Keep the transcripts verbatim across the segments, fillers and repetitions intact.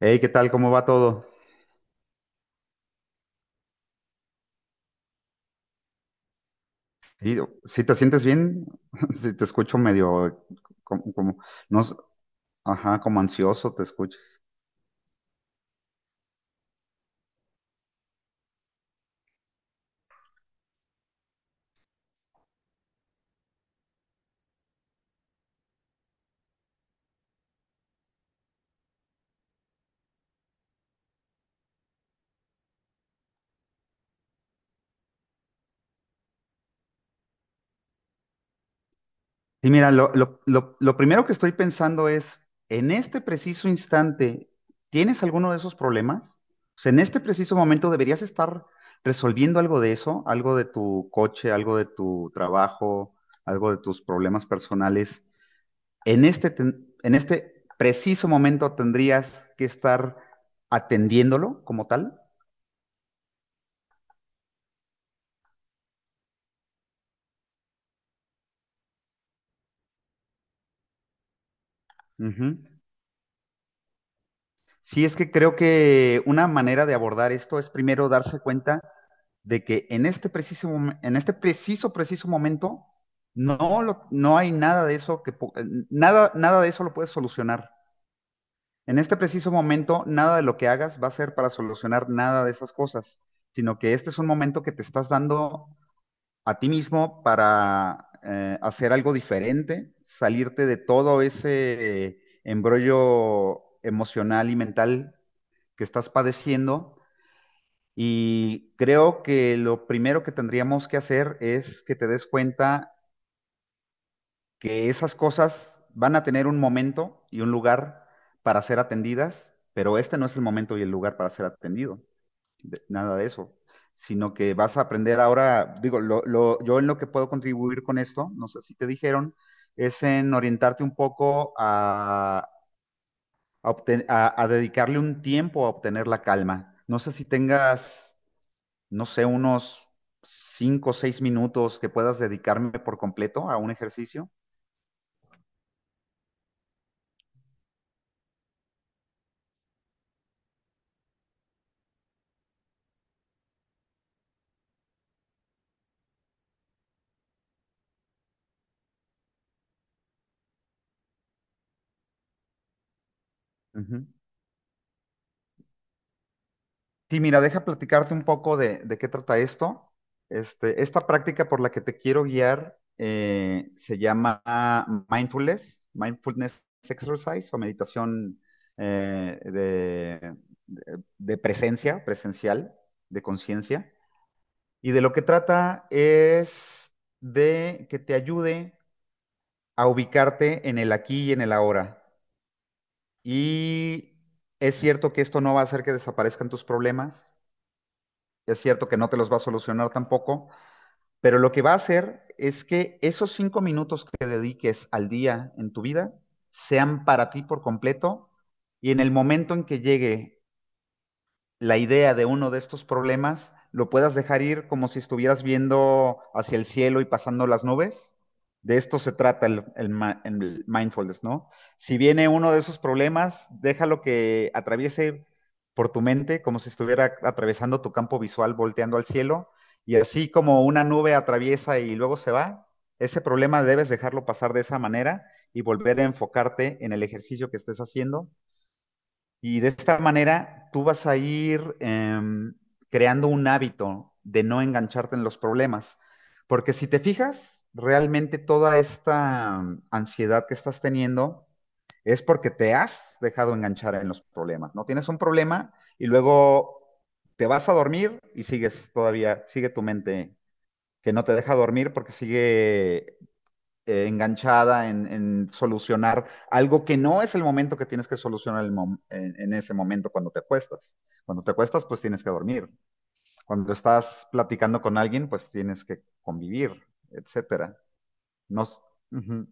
Hey, ¿qué tal? ¿Cómo va todo? Sí, si te sientes bien, si te escucho medio como, como- no, s- ajá, como ansioso te escucho. Sí, mira, lo, lo, lo, lo primero que estoy pensando es, en este preciso instante, ¿tienes alguno de esos problemas? O sea, en este preciso momento deberías estar resolviendo algo de eso, algo de tu coche, algo de tu trabajo, algo de tus problemas personales. En este, ten- en este preciso momento tendrías que estar atendiéndolo como tal. Ujú. Sí, es que creo que una manera de abordar esto es primero darse cuenta de que en este preciso, mom- en este preciso, preciso momento no, lo- no hay nada de eso que, po- nada, nada de eso lo puedes solucionar. En este preciso momento, nada de lo que hagas va a ser para solucionar nada de esas cosas, sino que este es un momento que te estás dando a ti mismo para eh, hacer algo diferente, salirte de todo ese eh, embrollo emocional y mental que estás padeciendo. Y creo que lo primero que tendríamos que hacer es que te des cuenta que esas cosas van a tener un momento y un lugar para ser atendidas, pero este no es el momento y el lugar para ser atendido de- nada de eso, sino que vas a aprender ahora, digo, lo, lo- yo en lo que puedo contribuir con esto, no sé si te dijeron, es en orientarte un poco a, a obten- a- a dedicarle un tiempo a obtener la calma. No sé si tengas, no sé, unos cinco o seis minutos que puedas dedicarme por completo a un ejercicio. Sí, mira, deja platicarte un poco de, de qué trata esto. Este, esta práctica por la que te quiero guiar eh, se llama mindfulness, mindfulness exercise o meditación eh, de, de- de presencia, presencial, de conciencia. Y de lo que trata es de que te ayude a ubicarte en el aquí y en el ahora. Y es cierto que esto no va a hacer que desaparezcan tus problemas. Es cierto que no te los va a solucionar tampoco, pero lo que va a hacer es que esos cinco minutos que dediques al día en tu vida sean para ti por completo y en el momento en que llegue la idea de uno de estos problemas lo puedas dejar ir como si estuvieras viendo hacia el cielo y pasando las nubes. De esto se trata el, el el mindfulness, ¿no? Si viene uno de esos problemas, déjalo que atraviese por tu mente como si estuviera atravesando tu campo visual, volteando al cielo, y así como una nube atraviesa y luego se va, ese problema debes dejarlo pasar de esa manera y volver a enfocarte en el ejercicio que estés haciendo y de esta manera tú vas a ir em, creando un hábito de no engancharte en los problemas. Porque si te fijas, realmente toda esta mm, ansiedad que estás teniendo es porque te has dejado enganchar en los problemas, ¿no? Tienes un problema y luego te vas a dormir y sigues todavía, sigue tu mente que no te deja dormir porque sigue eh, enganchada en, en, solucionar algo que no es el momento que tienes que solucionar el mom- en, en ese momento cuando te acuestas. Cuando te acuestas, pues tienes que dormir. Cuando estás platicando con alguien, pues tienes que convivir, etcétera. No, s- Ujú.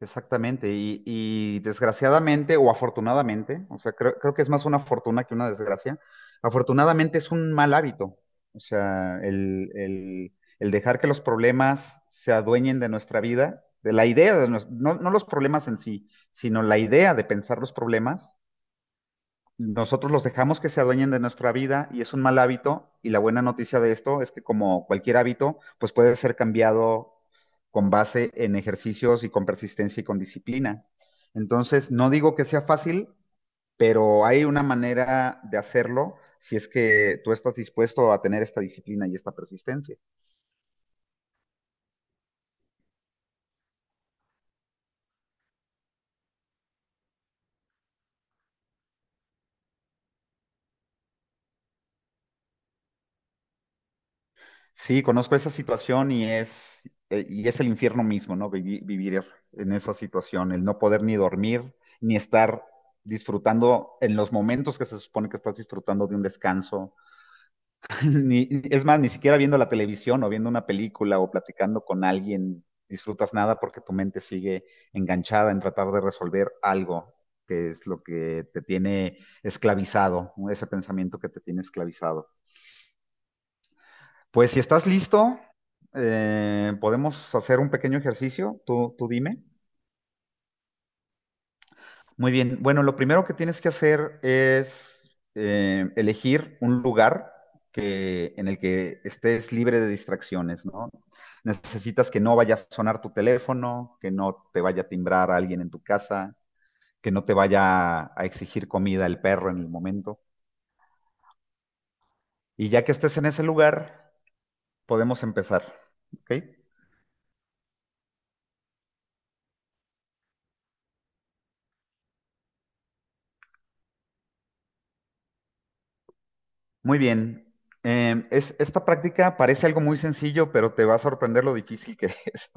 Exactamente, y, y desgraciadamente o afortunadamente, o sea, creo, creo que es más una fortuna que una desgracia, afortunadamente es un mal hábito, o sea, el, el- el dejar que los problemas se adueñen de nuestra vida, de la idea, de nues- no, no los problemas en sí, sino la idea de pensar los problemas, nosotros los dejamos que se adueñen de nuestra vida y es un mal hábito y la buena noticia de esto es que como cualquier hábito, pues puede ser cambiado con base en ejercicios y con persistencia y con disciplina. Entonces, no digo que sea fácil, pero hay una manera de hacerlo si es que tú estás dispuesto a tener esta disciplina y esta persistencia. Sí, conozco esa situación y es, eh, y es el infierno mismo, ¿no? Vivi- Vivir, en esa situación, el no poder ni dormir, ni estar disfrutando en los momentos que se supone que estás disfrutando de un descanso. Ni, es más, ni siquiera viendo la televisión o viendo una película o platicando con alguien disfrutas nada porque tu mente sigue enganchada en tratar de resolver algo, que es lo que te tiene esclavizado, ese pensamiento que te tiene esclavizado. Pues si estás listo, eh, podemos hacer un pequeño ejercicio. Tú, tú dime. Muy bien. Bueno, lo primero que tienes que hacer es eh, elegir un lugar que, en el que estés libre de distracciones, ¿no? Necesitas que no vaya a sonar tu teléfono, que no te vaya a timbrar alguien en tu casa, que no te vaya a exigir comida el perro en el momento. Y ya que estés en ese lugar, podemos empezar. ¿Ok? Muy bien. Em, es, esta práctica parece algo muy sencillo, pero te va a sorprender lo difícil que es.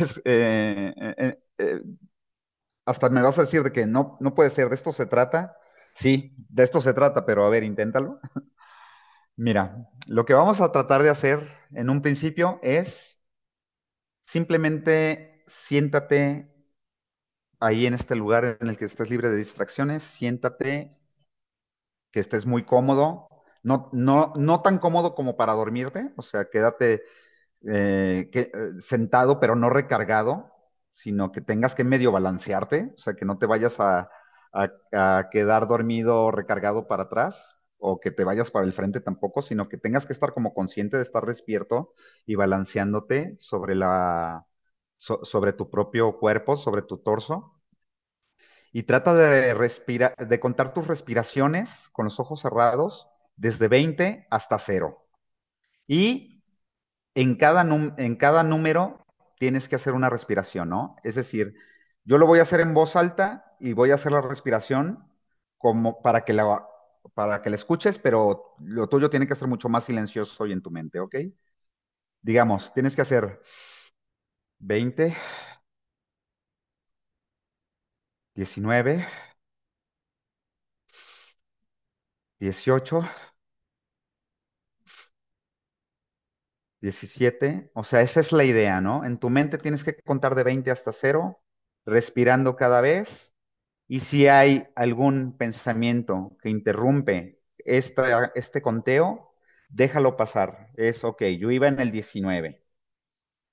Es, eh, eh, eh, eh, hasta me vas a decir de que no, no puede ser, de esto se trata. Sí, de esto se trata, pero a ver, inténtalo. Mira, lo que vamos a tratar de hacer en un principio es simplemente siéntate ahí en este lugar en el que estés libre de distracciones, siéntate, que estés muy cómodo, no, no, no tan cómodo como para dormirte, o sea, quédate eh, que, eh, sentado pero no recargado, sino que tengas que medio balancearte, o sea, que no te vayas a, a, a quedar dormido recargado para atrás o que te vayas para el frente tampoco, sino que tengas que estar como consciente de estar despierto y balanceándote sobre la, so- sobre tu propio cuerpo, sobre tu torso. Y trata de respirar, de contar tus respiraciones con los ojos cerrados desde veinte hasta cero. Y en cada, num- en cada número tienes que hacer una respiración, ¿no? Es decir, yo lo voy a hacer en voz alta y voy a hacer la respiración como para que la, para que la escuches, pero lo tuyo tiene que ser mucho más silencioso y en tu mente, ¿ok? Digamos, tienes que hacer veinte, diecinueve, dieciocho, diecisiete, o sea, esa es la idea, ¿no? En tu mente tienes que contar de veinte hasta cero, respirando cada vez. Y si hay algún pensamiento que interrumpe esta- este conteo, déjalo pasar. Es ok, yo iba en el diecinueve,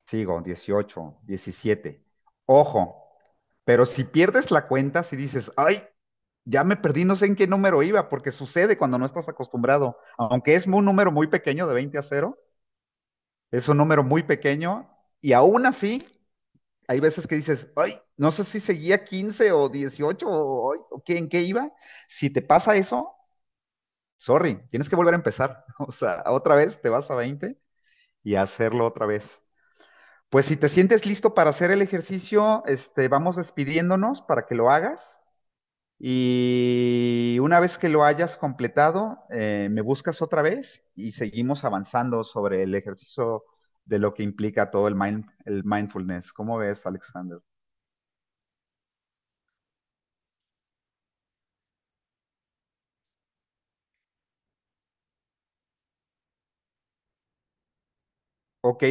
sigo, dieciocho, diecisiete. Ojo, pero si pierdes la cuenta, si dices, ay, ya me perdí, no sé en qué número iba, porque sucede cuando no estás acostumbrado. Aunque es un número muy pequeño, de veinte a cero, es un número muy pequeño, y aún así hay veces que dices, ay, no sé si seguía quince o dieciocho o, ay, o qué, en qué iba. Si te pasa eso, sorry, tienes que volver a empezar. O sea, otra vez te vas a veinte y a hacerlo otra vez. Pues si te sientes listo para hacer el ejercicio, este, vamos despidiéndonos para que lo hagas. Y una vez que lo hayas completado, eh, me buscas otra vez y seguimos avanzando sobre el ejercicio de lo que implica todo el, mind, el mindfulness. ¿Cómo ves, Alexander? Ok,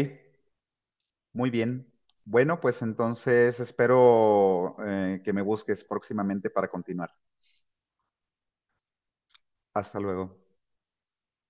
muy bien. Bueno, pues entonces espero eh, que me busques próximamente para continuar. Hasta luego.